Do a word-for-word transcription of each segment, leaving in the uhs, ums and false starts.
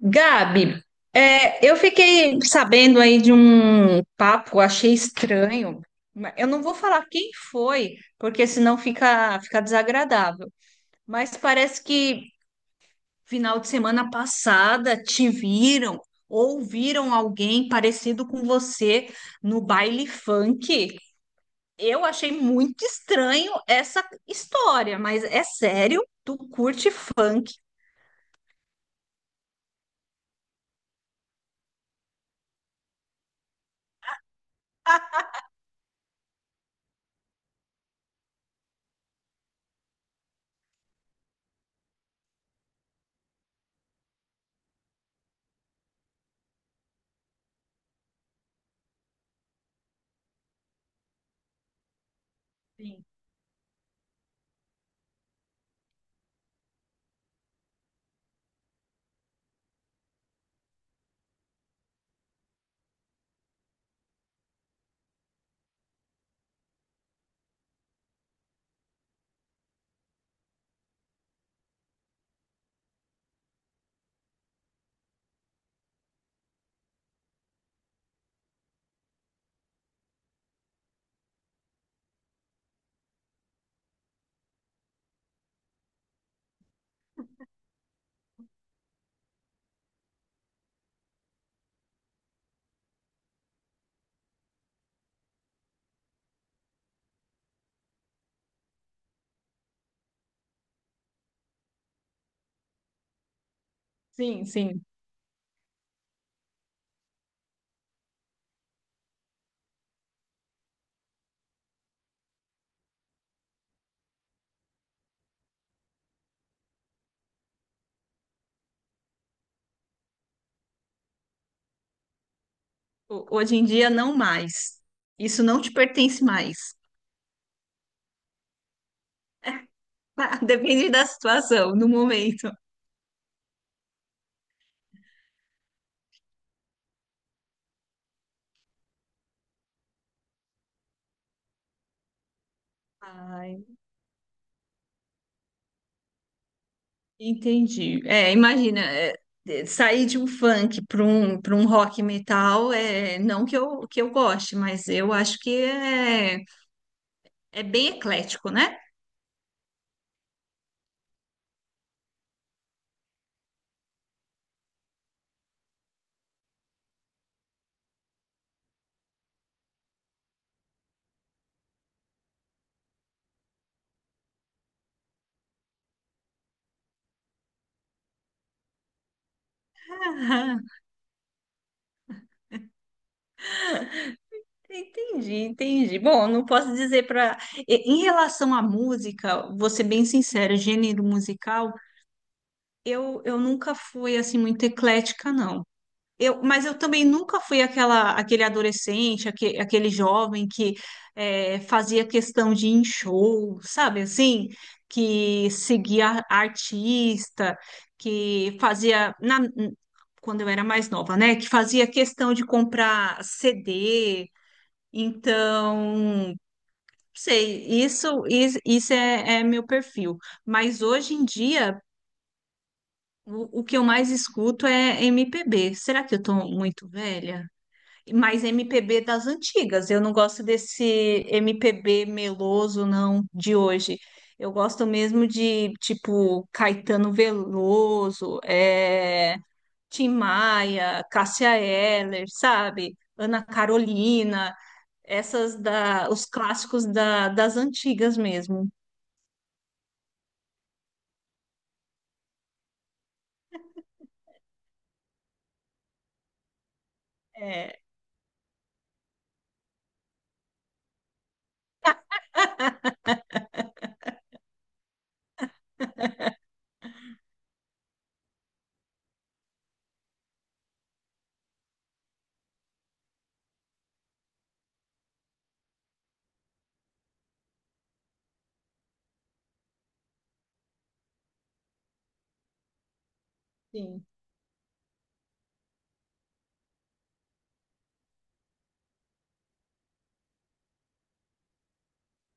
Gabi, é, eu fiquei sabendo aí de um papo, achei estranho. mas Eu não vou falar quem foi, porque senão fica, fica desagradável. Mas parece que final de semana passada te viram ou viram alguém parecido com você no baile funk. Eu achei muito estranho essa história, mas é sério? Tu curte funk? Sim, sim, sim. Ho- hoje em dia não mais. Isso não te pertence mais. Depende da situação, no momento. Ai, entendi. É, imagina, é, é, sair de um funk para um, para um rock metal, é, não que eu, que eu goste, mas eu acho que é, é bem eclético, né? Ah, entendi, entendi. Bom, não posso dizer para. Em relação à música, vou ser bem sincera, gênero musical, eu, eu nunca fui assim muito eclética, não. Eu, mas eu também nunca fui aquela, aquele adolescente, aque- aquele, jovem que eh, fazia questão de ir em show, sabe assim? Que seguia artista, que fazia, na- quando eu era mais nova, né? Que fazia questão de comprar C D. Então, não sei, isso, is- isso, é, é meu perfil. Mas hoje em dia, o, o que eu mais escuto é M P B. Será que eu tô muito velha? Mais M P B das antigas. Eu não gosto desse M P B meloso, não, de hoje. Eu gosto mesmo de, tipo, Caetano Veloso, é, Tim Maia, Cássia Eller, sabe? Ana Carolina, essas da, os clássicos da, das antigas mesmo. É, sim,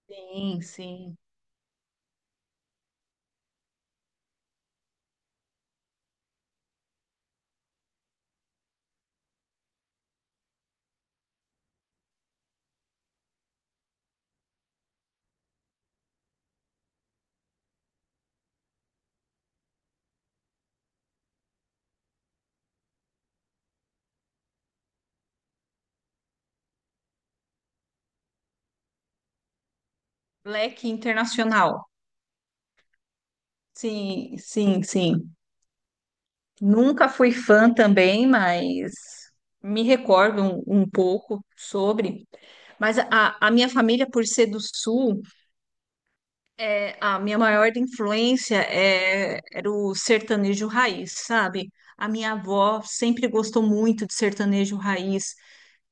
sim, sim. Black Internacional. Sim, sim, sim. Nunca fui fã também, mas me recordo um, um pouco sobre. Mas a, a minha família, por ser do Sul, é, a minha maior influência é, era o sertanejo raiz, sabe? A minha avó sempre gostou muito de sertanejo raiz,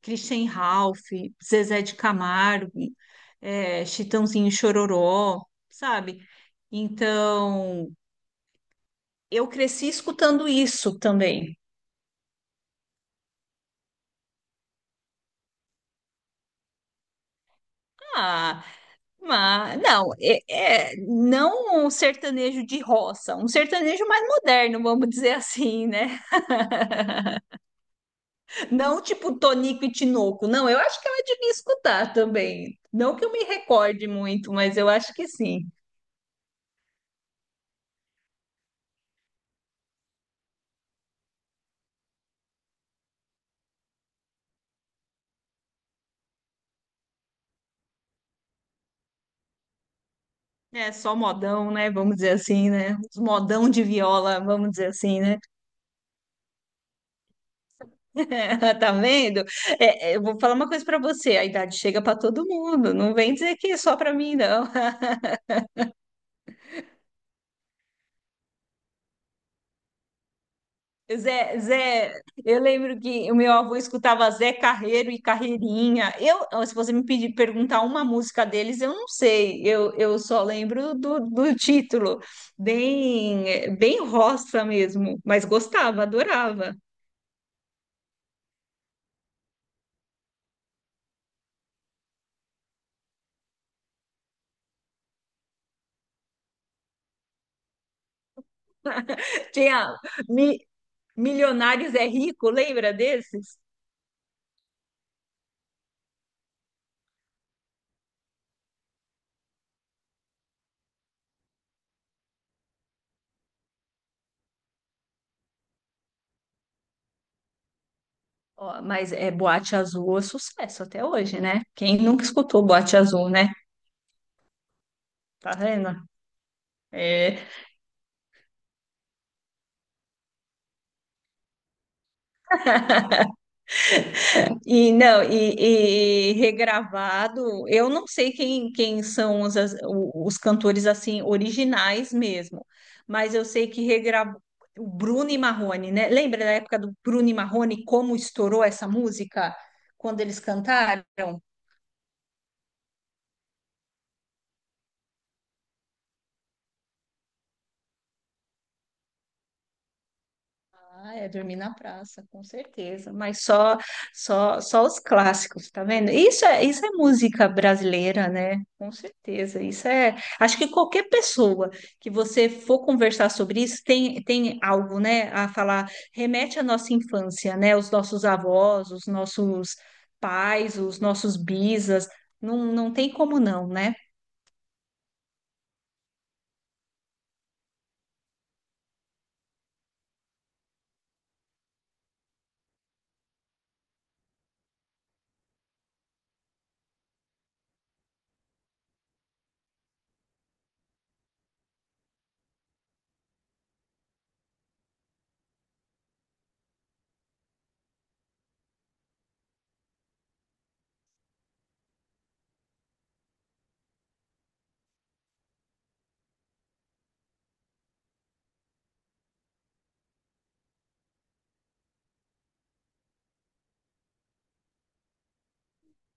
Christian Ralph, Zezé de Camargo, é, Chitãozinho e Chororó, sabe? Então, eu cresci escutando isso também. Ah, Mas, não, é, é- não um sertanejo de roça, um sertanejo mais moderno, vamos dizer assim, né? Não tipo Tonico e Tinoco, não, eu acho que ela devia escutar também. Não que eu me recorde muito, mas eu acho que sim. É só modão, né? Vamos dizer assim, né? Os modão de viola, vamos dizer assim, né? Tá vendo? É, é, eu vou falar uma coisa pra você, a idade chega pra todo mundo, não vem dizer que é só pra mim, não. Zé, Zé, eu lembro que o meu avô escutava Zé Carreiro e Carreirinha. Eu, se você me pedir perguntar uma música deles, eu não sei. Eu, eu só lembro do, do título, bem, bem roça mesmo, mas gostava, adorava. Tinha Mi- Milionários é Rico, lembra desses? Ó, mas é Boate Azul é sucesso até hoje, né? Quem nunca escutou Boate Azul, né? Tá vendo? É, e não, e, e regravado, eu não sei quem, quem são os, as- o- os cantores assim originais mesmo, mas eu sei que regravou o Bruno e Marrone, né? Lembra da época do Bruno e Marrone, como estourou essa música quando eles cantaram? Ah, é dormir na praça, com certeza. Mas só, só, só os clássicos, tá vendo? Isso é, isso é música brasileira, né? Com certeza. Isso é. Acho que qualquer pessoa que você for conversar sobre isso tem, tem algo, né, a falar. Remete à nossa infância, né? Os nossos avós, os nossos pais, os nossos bisas. Não, não tem como não, né?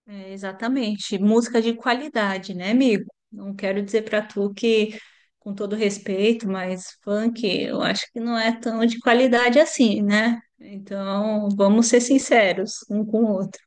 É, exatamente. Música de qualidade, né, amigo? Não quero dizer pra tu que, com todo respeito, mas funk eu acho que não é tão de qualidade assim, né? Então, vamos ser sinceros um com o outro.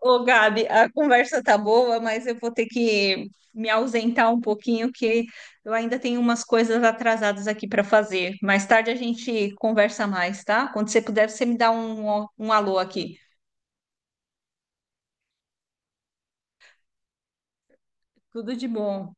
Ô, Gabi, a conversa tá boa, mas eu vou ter que me ausentar um pouquinho, que eu ainda tenho umas coisas atrasadas aqui pra fazer. Mais tarde a gente conversa mais, tá? Quando você puder, você me dá um, um alô aqui. Tudo de bom.